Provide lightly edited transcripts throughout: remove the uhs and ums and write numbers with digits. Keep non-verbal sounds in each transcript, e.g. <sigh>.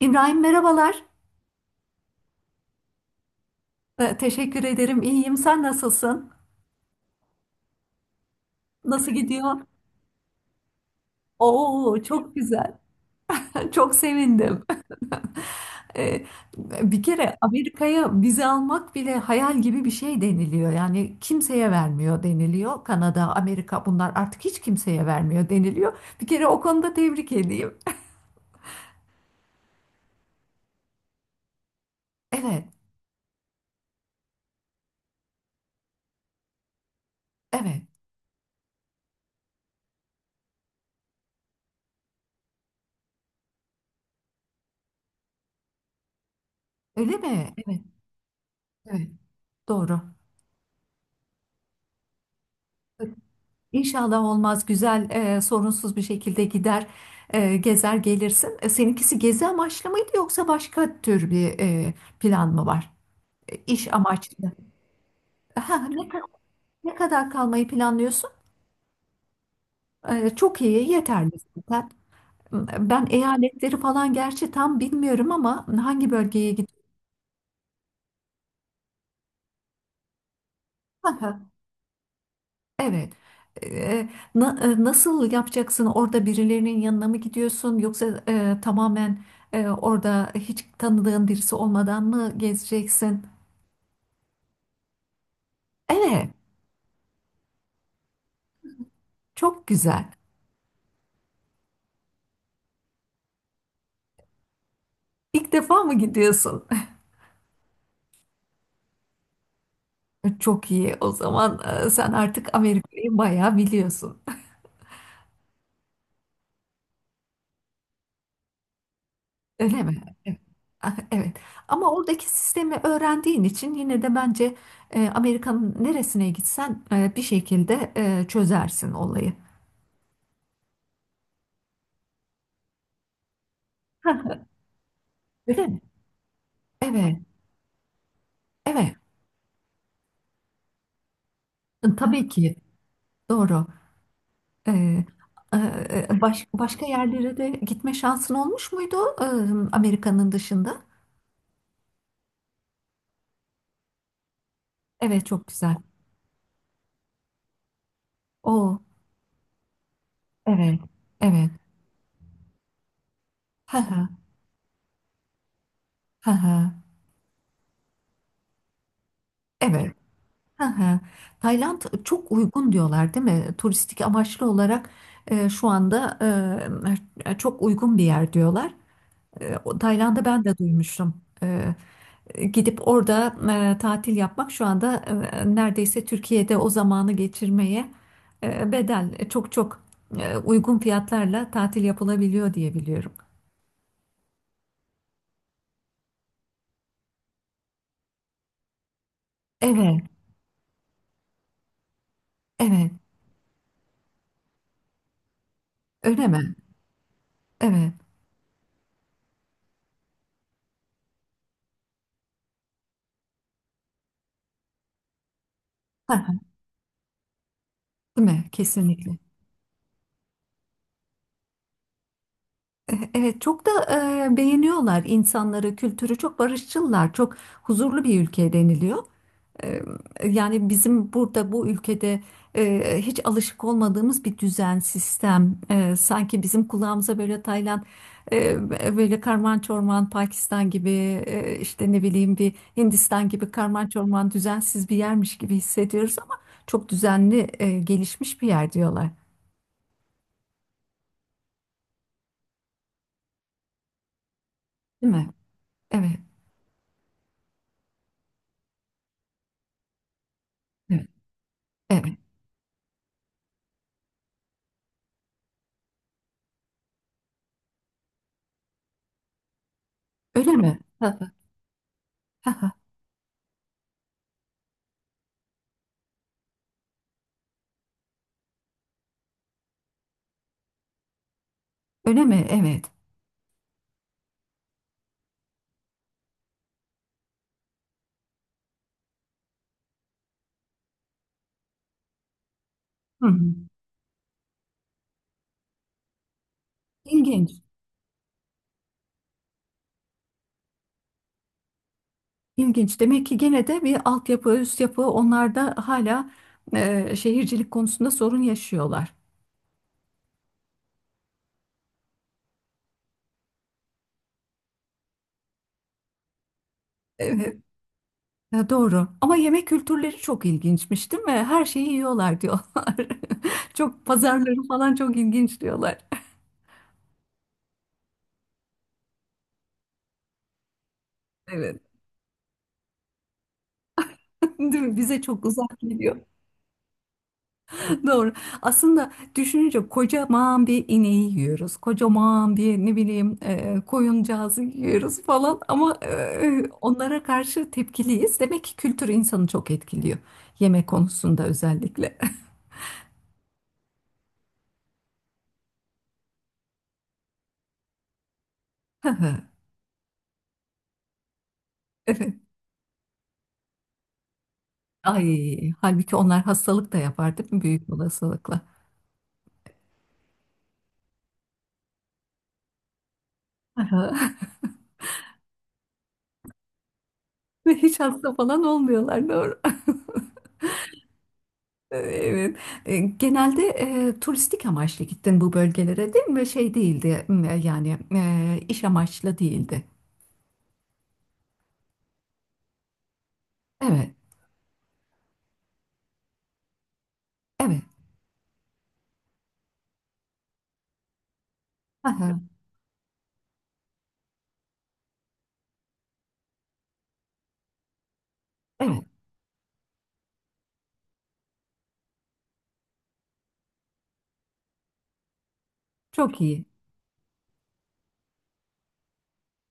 İbrahim merhabalar. Teşekkür ederim. İyiyim. Sen nasılsın? Nasıl gidiyor? Oo çok güzel. <laughs> Çok sevindim. <laughs> Ee, Bir kere Amerika'ya vize almak bile hayal gibi bir şey deniliyor. Yani kimseye vermiyor deniliyor. Kanada, Amerika bunlar artık hiç kimseye vermiyor deniliyor. Bir kere o konuda tebrik edeyim. Evet, evet. Öyle mi? Evet, evet. Doğru. İnşallah olmaz güzel, sorunsuz bir şekilde gider, gezer gelirsin. Seninkisi gezi amaçlı mıydı yoksa başka tür bir plan mı var? İş amaçlı. Ha, ne kadar kalmayı planlıyorsun? Çok iyi, yeterli zaten. Ben eyaletleri falan gerçi tam bilmiyorum ama hangi bölgeye gidiyorsun? Evet. Ee, Nasıl yapacaksın? Orada birilerinin yanına mı gidiyorsun? Yoksa tamamen orada hiç tanıdığın birisi olmadan mı gezeceksin? Evet, çok güzel. İlk defa mı gidiyorsun? <laughs> Çok iyi. O zaman sen artık Amerika'yı bayağı biliyorsun. Öyle mi? Evet. Ah, evet. Ama oradaki sistemi öğrendiğin için yine de bence Amerika'nın neresine gitsen bir şekilde çözersin olayı. <laughs> Öyle mi? Evet. Evet, tabii ki doğru. Ee, Başka yerlere de gitme şansın olmuş muydu Amerika'nın dışında? Evet, çok güzel. O, evet, evet. Ha ha, ha ha. Evet, ha ha. Tayland çok uygun diyorlar, değil mi? Turistik amaçlı olarak şu anda çok uygun bir yer diyorlar. Tayland'ı ben de duymuştum. Gidip orada tatil yapmak şu anda neredeyse Türkiye'de o zamanı geçirmeye bedel, çok çok uygun fiyatlarla tatil yapılabiliyor diye biliyorum. Evet, evet. Öyle mi? Evet. Ha, değil mi? Kesinlikle. Evet, çok da beğeniyorlar, insanları, kültürü çok barışçılar, çok huzurlu bir ülke deniliyor. E, Yani bizim burada bu ülkede hiç alışık olmadığımız bir düzen, sistem. Sanki bizim kulağımıza böyle Tayland, böyle karman çorman Pakistan gibi, işte ne bileyim bir Hindistan gibi karman çorman düzensiz bir yermiş gibi hissediyoruz ama çok düzenli, gelişmiş bir yer diyorlar. Değil mi? Evet. Evet. Evet. Öyle mi? <laughs> Öyle mi? Evet. Hı hı. İlginç. İlginç. Demek ki gene de bir altyapı, üst yapı, onlar da hala şehircilik konusunda sorun yaşıyorlar. Evet, doğru. Ama yemek kültürleri çok ilginçmiş, değil mi? Her şeyi yiyorlar diyorlar. <laughs> Çok, pazarları falan çok ilginç diyorlar. Evet. <laughs> Değil mi? Bize çok uzak geliyor. <laughs> Doğru. Aslında düşününce kocaman bir ineği yiyoruz. Kocaman bir ne bileyim koyuncağızı yiyoruz falan ama onlara karşı tepkiliyiz. Demek ki kültür insanı çok etkiliyor. Yemek konusunda özellikle. <laughs> Evet. Ay, halbuki onlar hastalık da yapar değil mi? Büyük olasılıkla. <laughs> Ve hiç hasta falan olmuyorlar, doğru. <laughs> Evet. Genelde turistik amaçlı gittin bu bölgelere değil mi? Şey değildi, yani iş amaçlı değildi. Evet, evet. Aha, evet, çok iyi.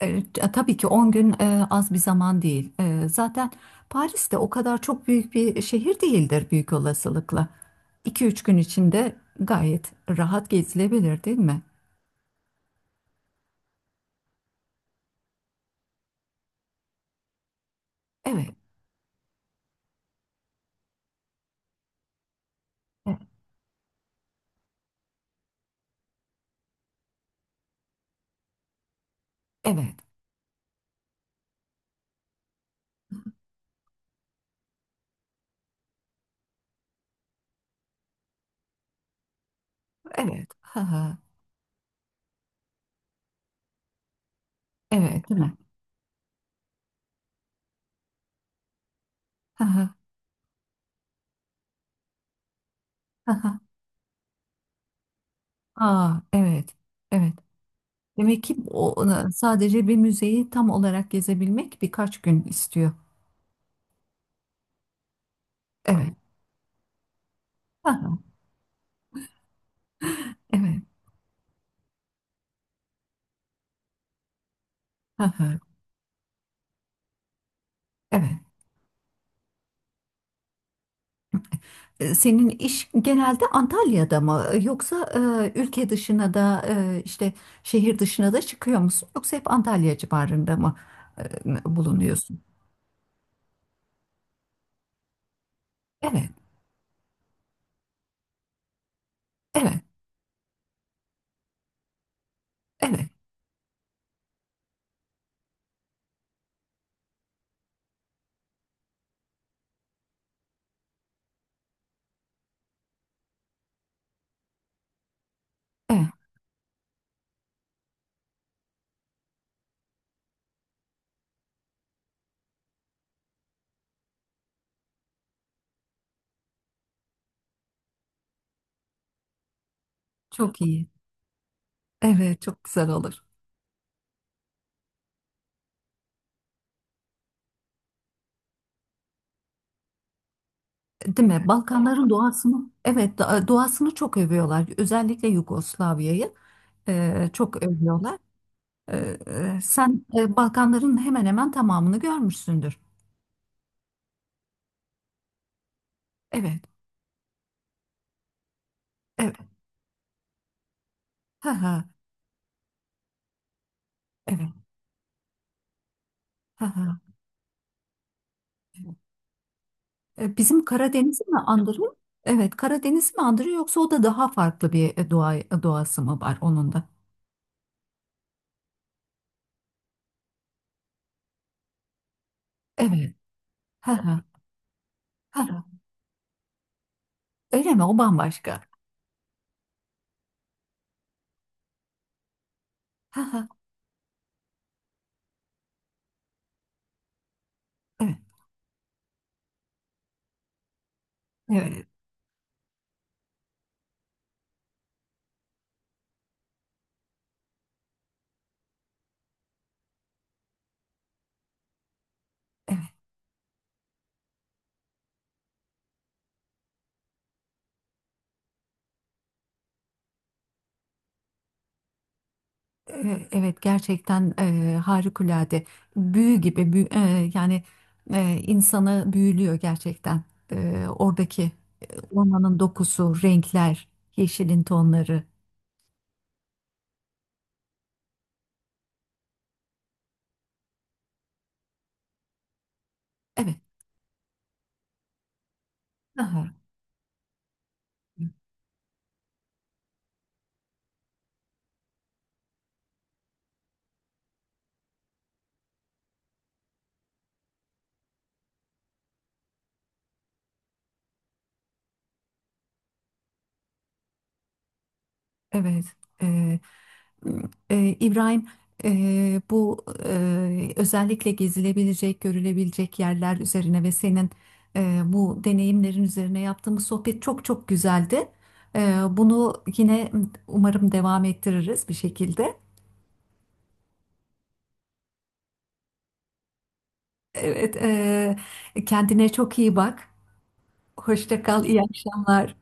Evet, tabii ki 10 gün az bir zaman değil. Zaten Paris de o kadar çok büyük bir şehir değildir, büyük olasılıkla. 2 üç gün içinde gayet rahat gezilebilir değil mi? Evet, e- evet, evet. Ha, ha, evet, değil mi? Ha, ha, ha, ha. Aa, evet. Evet. Demek ki o sadece bir müzeyi tam olarak gezebilmek birkaç gün istiyor. Evet. Hı hı. Evet. Hı hı. Evet. Senin iş genelde Antalya'da mı yoksa ülke dışına da, işte şehir dışına da çıkıyor musun, yoksa hep Antalya civarında mı bulunuyorsun? Evet, evet, evet, evet. Çok iyi. Evet, çok güzel olur. Değil mi? Balkanların doğasını, evet, doğasını çok övüyorlar. Özellikle Yugoslavya'yı çok övüyorlar. E, sen Balkanların hemen hemen tamamını görmüşsündür. Evet, evet, ha ha, evet, ha ha. Bizim Karadeniz'i mi andırıyor? Evet, Karadeniz mi andırıyor yoksa o da daha farklı bir doğa, doğası mı var onun da? Evet, ha ha, ha ha. Öyle mi? O bambaşka. Ha ha, evet, evet. Evet, gerçekten harikulade, büyü gibi yani insanı büyülüyor gerçekten. Oradaki ormanın dokusu, renkler, yeşilin tonları, evet. Aha. Evet. e, İbrahim, bu özellikle gezilebilecek, görülebilecek yerler üzerine ve senin bu deneyimlerin üzerine yaptığımız sohbet çok çok güzeldi. Bunu yine umarım devam ettiririz bir şekilde. Evet, kendine çok iyi bak. Hoşça kal, iyi akşamlar.